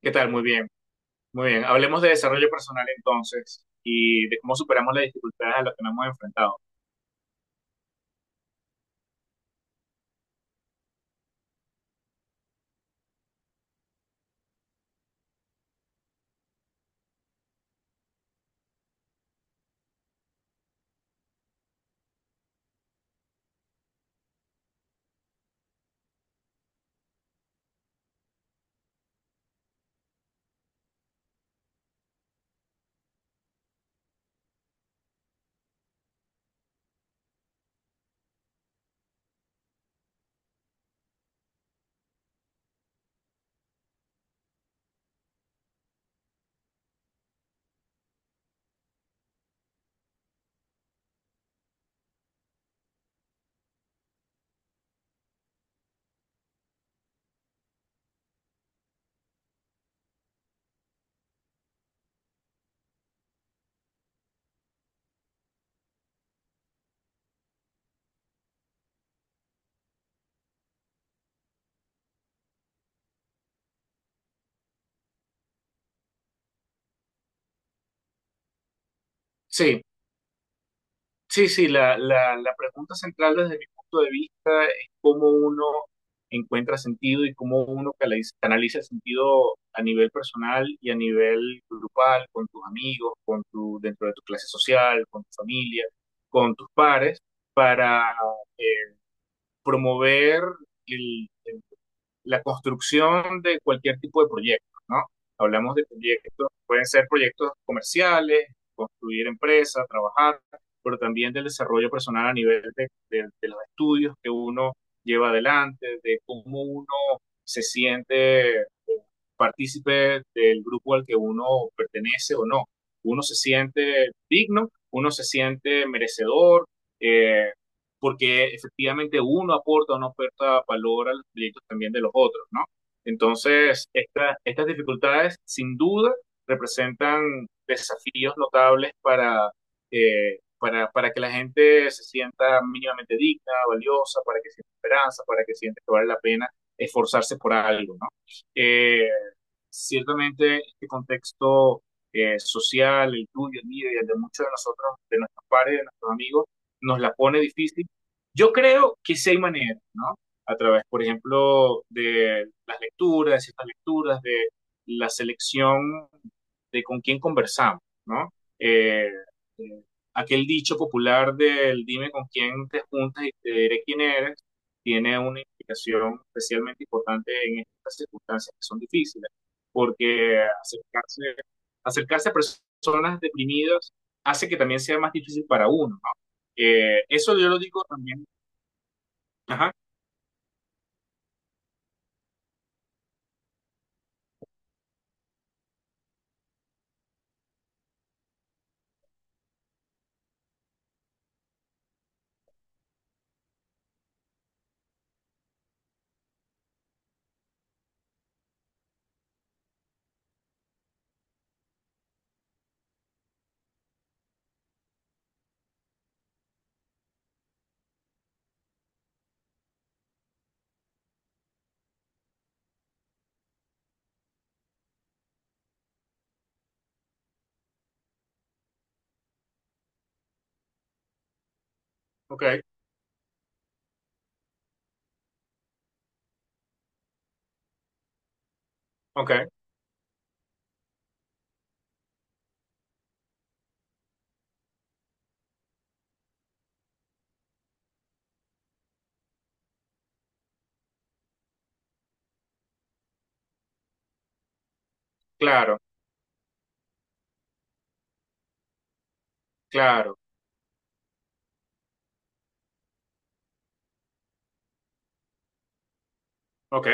¿Qué tal? Muy bien, muy bien. Hablemos de desarrollo personal entonces y de cómo superamos las dificultades a las que nos hemos enfrentado. Sí, sí, sí, la pregunta central desde mi punto de vista es cómo uno encuentra sentido y cómo uno canaliza el sentido a nivel personal y a nivel grupal, con tus amigos, con tu, dentro de tu clase social, con tu familia, con tus pares, para eh, promover la construcción de cualquier tipo de proyecto, ¿no? Hablamos de proyectos, pueden ser proyectos comerciales, construir empresas, trabajar, pero también del desarrollo personal a nivel de los estudios que uno lleva adelante, de cómo uno se siente partícipe del grupo al que uno pertenece o no. Uno se siente digno, uno se siente merecedor, eh, porque efectivamente uno aporta, o no aporta valor a los proyectos también de los otros, ¿no? Entonces, estas dificultades sin duda representan desafíos notables para, para que la gente se sienta mínimamente digna, valiosa, para que sienta esperanza, para que sienta que vale la pena esforzarse por algo, ¿no? Eh, Ciertamente este contexto social, el tuyo, el mío y el de muchos de nosotros, de nuestros pares, de nuestros amigos, nos la pone difícil. Yo creo que sí hay maneras, ¿no? A través, por ejemplo, de las lecturas, de ciertas lecturas, de la selección de con quién conversamos, ¿no? Eh, eh, Aquel dicho popular del dime con quién te juntas y te diré quién eres, tiene una implicación especialmente importante en estas circunstancias que son difíciles, porque acercarse, acercarse a personas deprimidas hace que también sea más difícil para uno, ¿no? Eso yo lo digo también. Ajá, ok, ok, claro, claro, ok,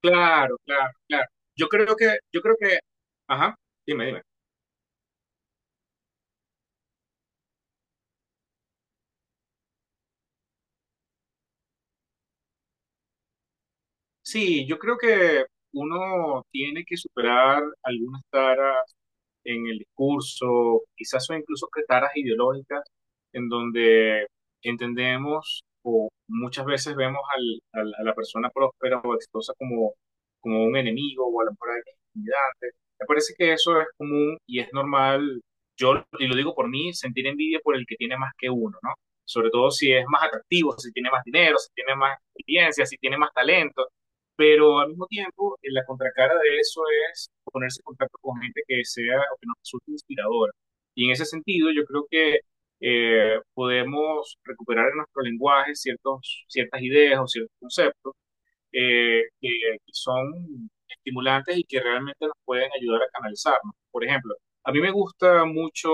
claro, claro, claro. Yo creo que, yo creo que, ajá, dime, dime. Sí, yo creo que uno tiene que superar algunas taras, en el discurso, quizás son incluso caras ideológicas, en donde entendemos o muchas veces vemos al, a la persona próspera o exitosa como, como un enemigo o a lo mejor alguien intimidante. Me parece que eso es común y es normal, yo, y lo digo por mí, sentir envidia por el que tiene más que uno, ¿no? Sobre todo si es más atractivo, si tiene más dinero, si tiene más experiencia, si tiene más talento, pero al mismo tiempo, la contracara de eso es ponerse en contacto con gente que sea o que nos resulte inspiradora. Y en ese sentido, yo creo que podemos recuperar en nuestro lenguaje ciertos, ciertas ideas o ciertos conceptos eh, que, que son estimulantes y que realmente nos pueden ayudar a canalizarnos. Por ejemplo, a mí me gusta mucho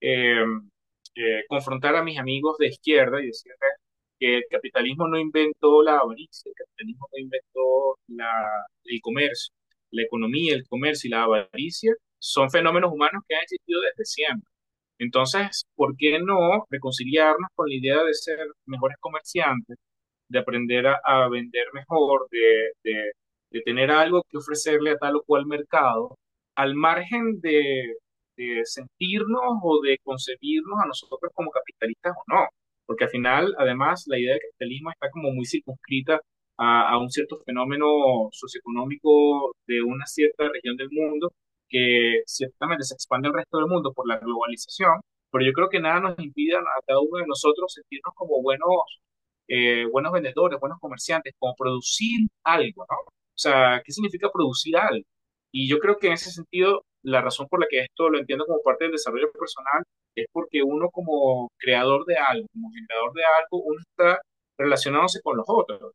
eh, confrontar a mis amigos de izquierda y decirles que el capitalismo no inventó la avaricia, el capitalismo no inventó el comercio, la economía, el comercio y la avaricia son fenómenos humanos que han existido desde siempre. Entonces, ¿por qué no reconciliarnos con la idea de ser mejores comerciantes? De aprender a vender mejor, de, de tener algo que ofrecerle a tal o cual mercado, al margen de sentirnos o de concebirnos a nosotros como capitalistas o no. Porque al final, además, la idea de capitalismo está como muy circunscrita a, un cierto fenómeno socioeconómico de una cierta región del mundo que ciertamente se expande al resto del mundo por la globalización, pero yo creo que nada nos impide a cada uno de nosotros sentirnos como buenos buenos vendedores, buenos comerciantes, como producir algo, ¿no? O sea, ¿qué significa producir algo? Y yo creo que en ese sentido, la razón por la que esto lo entiendo como parte del desarrollo personal es porque uno como creador de algo, como generador de algo, uno está relacionándose con los otros.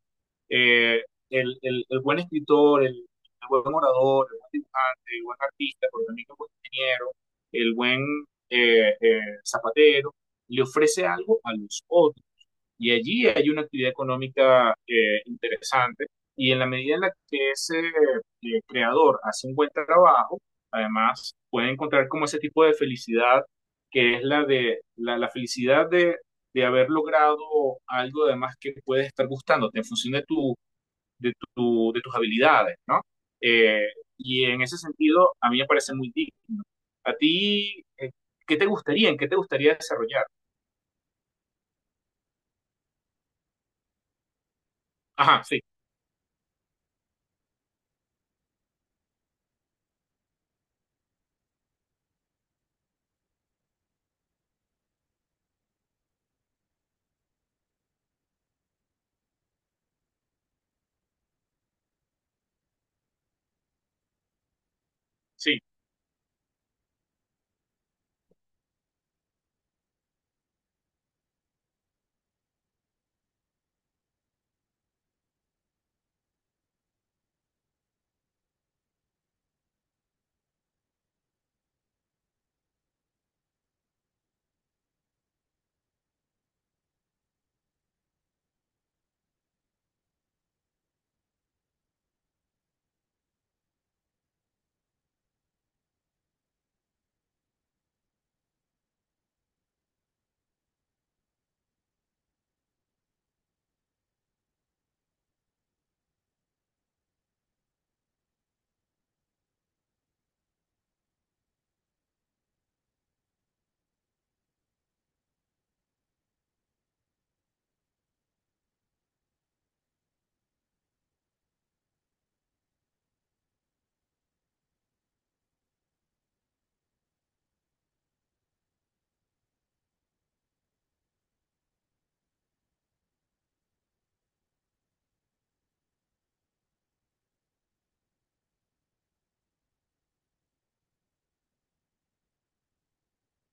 Eh, el buen escritor, el buen orador, el buen dibujante, el buen artista, pero también el buen ingeniero, el buen zapatero, le ofrece algo a los otros. Y allí hay una actividad económica interesante y en la medida en la que ese creador hace un buen trabajo, además puede encontrar como ese tipo de felicidad que es la de la felicidad de haber logrado algo además que puede estar gustándote en función de tus habilidades, ¿no? Eh, y en ese sentido, a mí me parece muy digno. ¿A ti qué te gustaría, en qué te gustaría desarrollar? Ajá, sí, sí.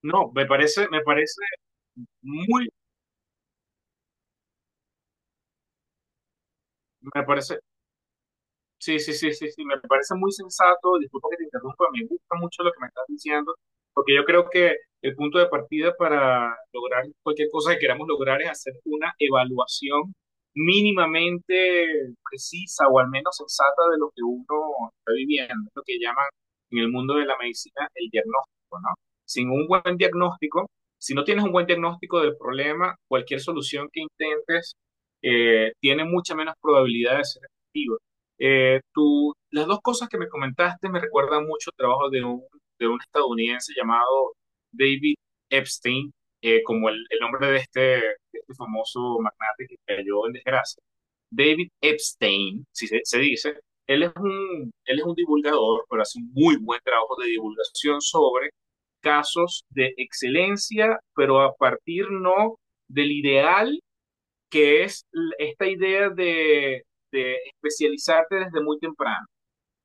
No, me parece muy, me parece Sí, sí, sí, sí, sí, me parece muy sensato, disculpa que te interrumpa, me gusta mucho lo que me estás diciendo, porque yo creo que el punto de partida para lograr cualquier cosa que queramos lograr es hacer una evaluación mínimamente precisa o al menos sensata de lo que uno está viviendo, lo que llaman en el mundo de la medicina el diagnóstico, ¿no? Sin un buen diagnóstico, si no tienes un buen diagnóstico del problema, cualquier solución que intentes tiene mucha menos probabilidad de ser efectiva. Tú, las dos cosas que me comentaste me recuerdan mucho el trabajo de un estadounidense llamado David Epstein, como el nombre de este famoso magnate que cayó en desgracia. David Epstein, si se, se dice, él es un divulgador, pero hace un muy buen trabajo de divulgación sobre casos de excelencia, pero a partir no del ideal que es esta idea de especializarte desde muy temprano.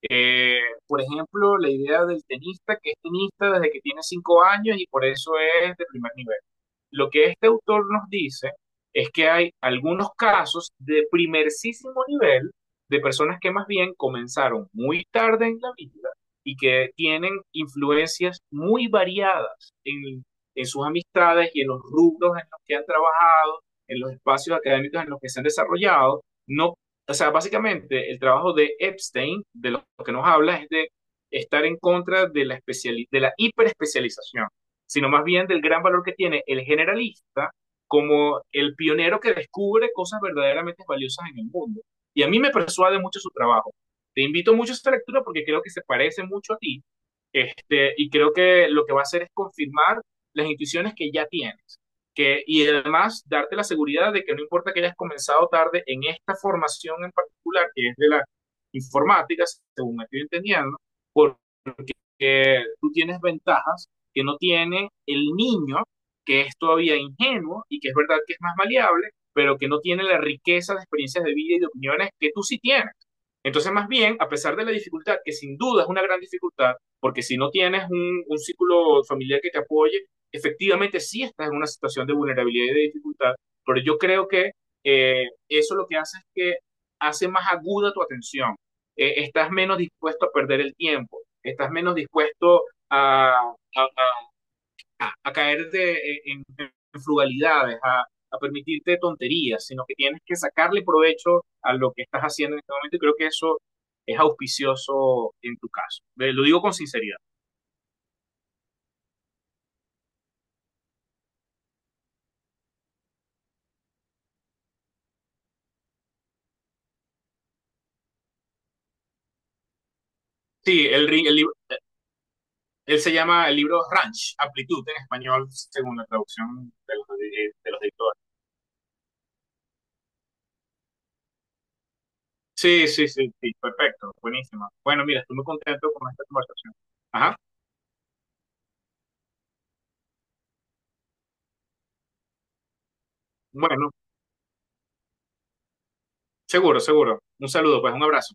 Eh, por ejemplo, la idea del tenista, que es tenista desde que tiene 5 años y por eso es de primer nivel. Lo que este autor nos dice es que hay algunos casos de primerísimo nivel de personas que más bien comenzaron muy tarde en la vida y que tienen influencias muy variadas en sus amistades y en los rubros en los que han trabajado, en los espacios académicos en los que se han desarrollado, no, o sea, básicamente el trabajo de Epstein, de lo que nos habla, es de estar en contra de la, especiali de la hiperespecialización, sino más bien del gran valor que tiene el generalista como el pionero que descubre cosas verdaderamente valiosas en el mundo. Y a mí me persuade mucho su trabajo. Te invito mucho a esta lectura porque creo que se parece mucho a ti este, y creo que lo que va a hacer es confirmar las intuiciones que ya tienes que, y además darte la seguridad de que no importa que hayas comenzado tarde en esta formación en particular, que es de la informática, según me estoy entendiendo, por que tú tienes ventajas que no tiene el niño, que es todavía ingenuo y que es verdad que es más maleable, pero que no tiene la riqueza de experiencias de vida y de opiniones que tú sí tienes. Entonces, más bien, a pesar de la dificultad, que sin duda es una gran dificultad, porque si no tienes un círculo familiar que te apoye, efectivamente sí estás en una situación de vulnerabilidad y de dificultad, pero yo creo que eso lo que hace es que hace más aguda tu atención, estás menos dispuesto a perder el tiempo, estás menos dispuesto a, a, a a caerte en frugalidades, a, permitirte tonterías, sino que tienes que sacarle provecho a lo que estás haciendo en este momento y creo que eso es auspicioso en tu caso. Lo digo con sinceridad. Sí, el libro, él se llama, el libro Ranch, Amplitud en español, según la traducción de los editores. Sí, sí, sí, sí, perfecto, buenísima. Bueno, mira, estoy muy contento con esta conversación. Ajá, bueno, seguro, seguro. Un saludo, pues, un abrazo.